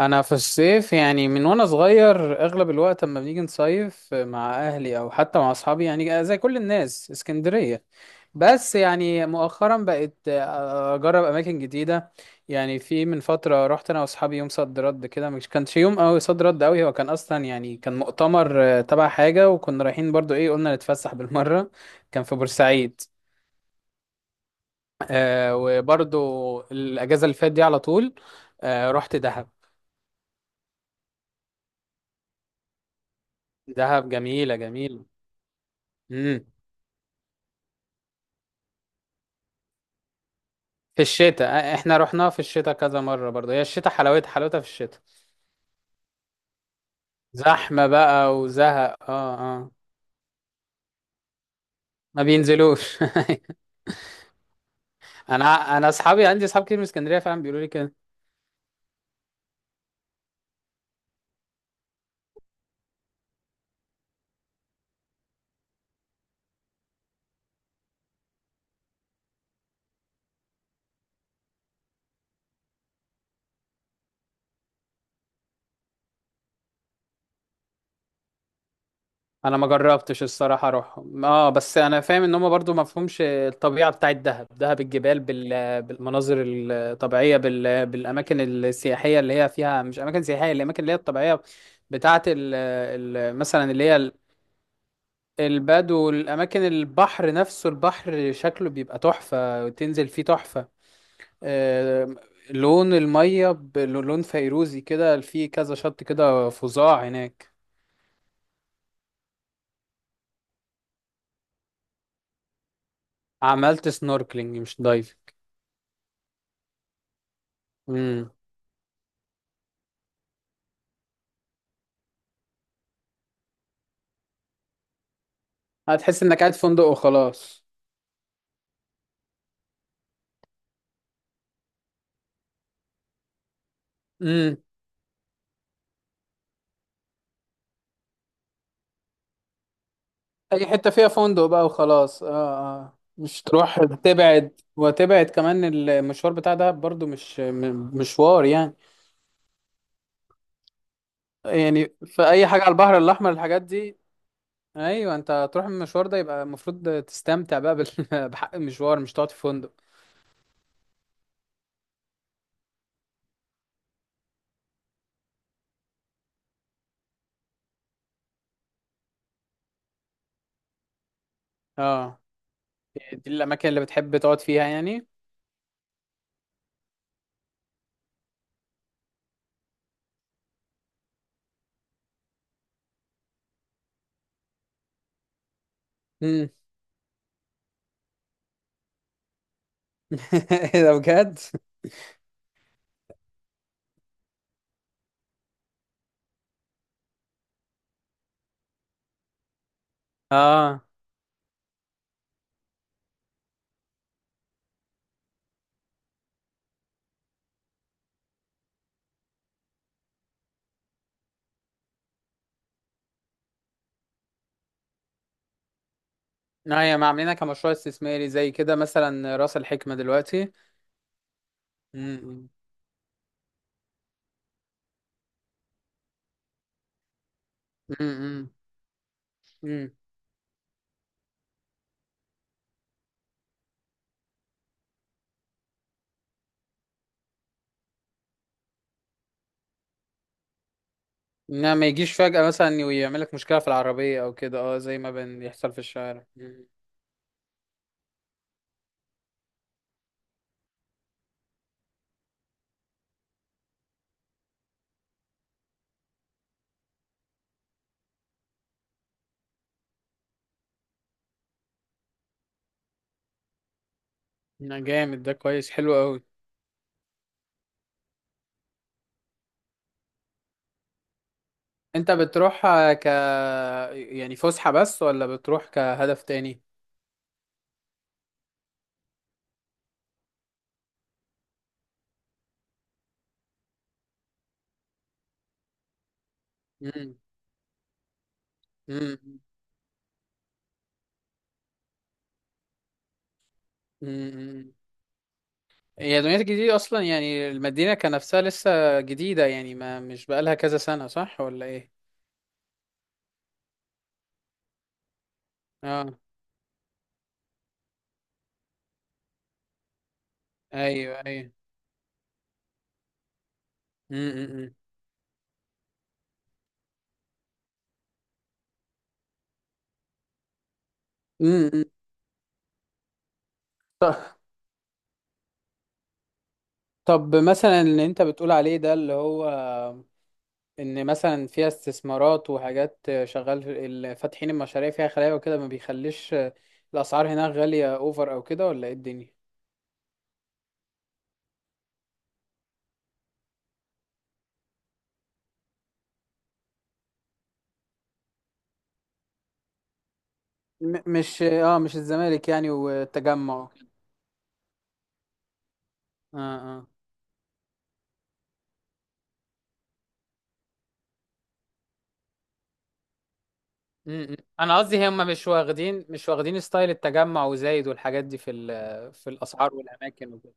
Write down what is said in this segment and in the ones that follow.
انا في الصيف يعني من وانا صغير اغلب الوقت، اما بنيجي نصيف مع اهلي او حتى مع اصحابي يعني زي كل الناس، اسكندرية. بس يعني مؤخرا بقيت اجرب اماكن جديدة. يعني في من فترة رحت انا واصحابي يوم صد رد كده، مش كانش يوم قوي صد رد قوي. هو كان اصلا يعني كان مؤتمر تبع حاجة، وكنا رايحين برضو ايه قلنا نتفسح بالمرة. كان في بورسعيد. آه، وبرضو الاجازة اللي فاتت دي على طول، آه رحت دهب. دهب جميلة جميلة. امم. في الشتاء احنا رحناها في الشتاء كذا مرة برضه، هي الشتاء حلاوتها حلاوتها في الشتاء. زحمة بقى وزهق، اه، اه. ما بينزلوش انا انا اصحابي، عندي اصحاب كتير من اسكندرية فعلا بيقولوا لي كده. انا ما جربتش الصراحة اروحهم، اه، بس انا فاهم ان هم برضه ما فهمش الطبيعة بتاعت دهب. دهب الجبال بالمناظر الطبيعية، بالاماكن السياحية اللي هي فيها، مش اماكن سياحية، الاماكن اللي هي الطبيعية بتاعت ال... مثلا اللي هي البدو، الأماكن، البحر نفسه، البحر شكله بيبقى تحفة، تنزل فيه تحفة. آه. لون المية بلون فيروزي كده، في كذا شط كده فظاع هناك. عملت سنوركلينج مش دايفنج. امم. هتحس انك قاعد في فندق وخلاص. امم. اي حتة فيها فندق بقى وخلاص، اه. اه، مش تروح تبعد وتبعد كمان. المشوار بتاع ده برضو مش مشوار يعني. يعني في اي حاجة على البحر الأحمر، الحاجات دي. ايوه، انت تروح المشوار ده يبقى المفروض تستمتع بقى بحق المشوار، مش تقعد في فندق. اه. دي الاماكن اللي بتحب تقعد فيها يعني. امم. ايه ده بجد. اه، لا هي ما عاملينها كمشروع استثماري زي كده، مثلا راس الحكمة دلوقتي. امم. امم. امم. انها ما يجيش فجأة مثلا ويعمل لك مشكلة في العربية او كده، اه، زي ما بيحصل في الشارع. مم. لا، جامد ده، كويس، حلو قوي. انت بتروح آه، ك يعني فسحة بس ولا بتروح كهدف تاني؟ مم. مم. مم. هي دمياط الجديدة أصلا، يعني المدينة كنفسها لسه جديدة، يعني ما مش بقالها كذا سنة، صح ولا إيه؟ آه. أيوه، أيوه. مم. مم. مم. مم. ط- طب مثلا اللي أنت بتقول عليه ده، اللي هو إن مثلا فيها استثمارات وحاجات شغال، فاتحين المشاريع فيها خلايا وكده ما بيخليش الأسعار هناك غالية أوفر أو كده، ولا إيه الدنيا؟ مش الزمالك يعني والتجمع. آه، آه. م- م. انا قصدي هم مش واخدين ستايل التجمع وزايد والحاجات دي في في الاسعار والاماكن وكده.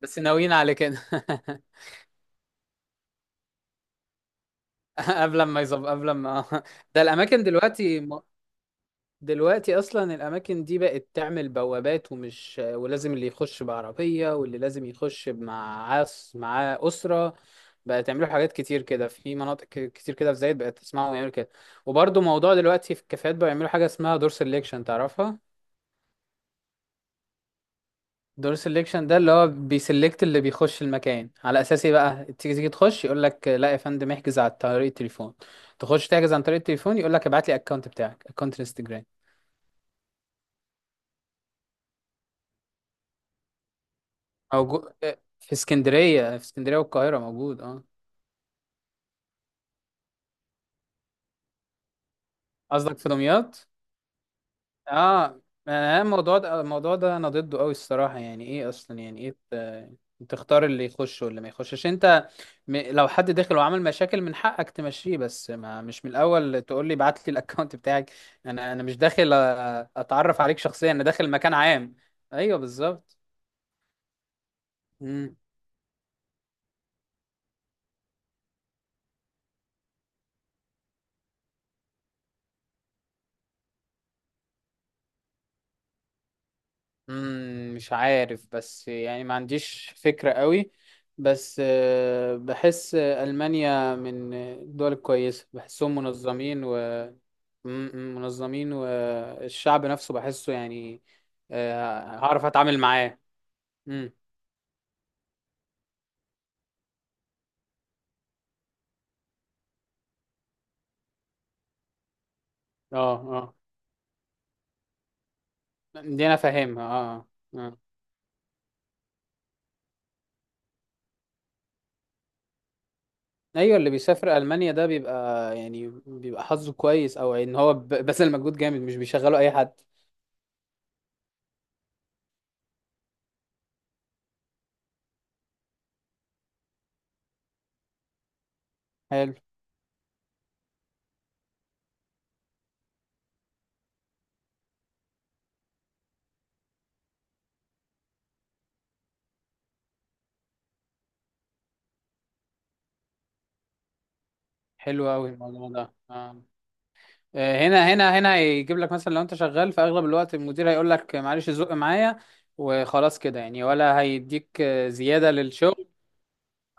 بس ناويين على كده. قبل ما ده الاماكن دلوقتي دلوقتي اصلا الاماكن دي بقت تعمل بوابات، ولازم اللي يخش بعربيه واللي لازم يخش معاه اسره. بقت يعملوا حاجات كتير كده في مناطق كتير كده، في زايد بقت تسمعهم يعملوا كده. وبرضه موضوع دلوقتي في الكافيهات بقى يعملوا حاجه اسمها دور سelection، تعرفها؟ دور سيلكشن ده اللي هو بيسلكت اللي بيخش المكان على اساس ايه بقى، تيجي تخش يقول لك لا يا فندم، احجز عن طريق التليفون. تخش تحجز عن طريق التليفون يقول لك ابعت لي اكونت بتاعك، اكونت انستجرام. موجود في اسكندريه والقاهره، موجود، اه. قصدك في دمياط؟ اه. انا الموضوع ده، انا ضده قوي الصراحه. يعني ايه اصلا؟ يعني ايه تختار اللي يخش واللي ما يخشش انت؟ لو حد داخل وعمل مشاكل من حقك تمشيه، بس ما مش من الاول تقول لي ابعت لي الاكونت بتاعك. انا مش داخل اتعرف عليك شخصيا، انا داخل مكان عام. ايوه، بالظبط. مم، مش عارف بس يعني ما عنديش فكرة قوي. بس بحس ألمانيا من الدول الكويسة، بحسهم منظمين و منظمين، والشعب نفسه بحسه يعني هعرف أتعامل معاه. مم. اه، اه، دي أنا فاهمها، اه. اه، أيوة اللي بيسافر ألمانيا ده بيبقى، يعني بيبقى حظه كويس أو إن هو بذل مجهود جامد، مش بيشغله أي حد. حلو. حلو أوي الموضوع ده، اه. هنا هيجيب لك مثلا لو انت شغال في اغلب الوقت المدير هيقول لك معلش زق معايا وخلاص كده يعني، ولا هيديك زيادة للشغل؟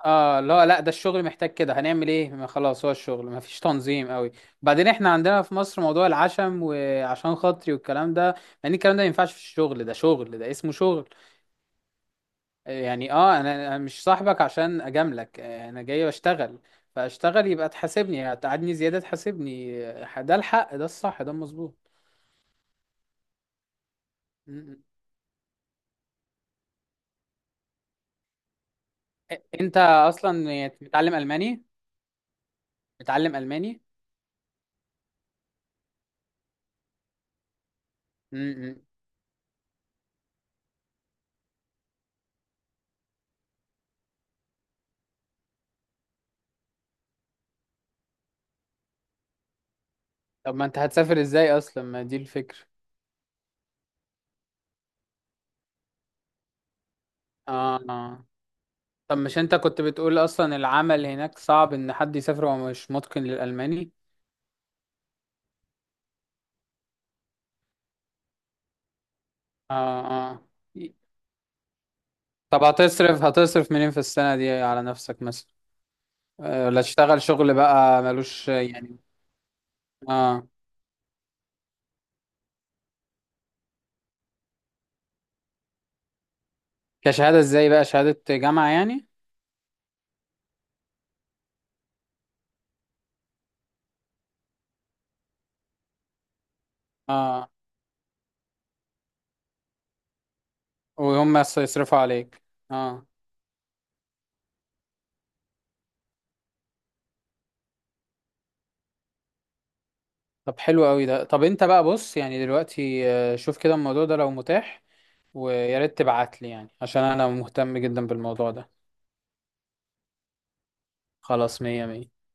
اه، لا، لا، ده الشغل محتاج كده هنعمل ايه، ما خلاص، هو الشغل ما فيش تنظيم قوي. بعدين احنا عندنا في مصر موضوع العشم وعشان خاطري والكلام ده، يعني الكلام ده ما ينفعش في الشغل، ده شغل، ده اسمه شغل. آه، يعني اه، أنا مش صاحبك عشان اجاملك، آه، انا جاي بشتغل، فاشتغل، يبقى تحاسبني، هتقعدني زيادة تحاسبني، آه، ده الحق ده الصح ده المظبوط. انت اصلا يعني بتتعلم الماني؟ بتتعلم الماني؟ امم. طب ما انت هتسافر ازاي اصلا، ما دي الفكرة. اه، آه. طب مش انت كنت بتقول اصلا العمل هناك صعب ان حد يسافر وهو مش متقن للالماني؟ اه، اه. طب هتصرف منين في السنة دي على نفسك مثلا؟ آه، ولا تشتغل شغل بقى ملوش يعني؟ اه. كشهادة ازاي بقى؟ شهادة جامعة يعني؟ اه. وهم يصرفوا عليك؟ اه. طب حلو قوي ده. طب انت بقى، بص يعني دلوقتي، آه، شوف كده الموضوع ده لو متاح، ويا ريت تبعت لي يعني عشان انا مهتم جدا بالموضوع ده. خلاص، مية مية.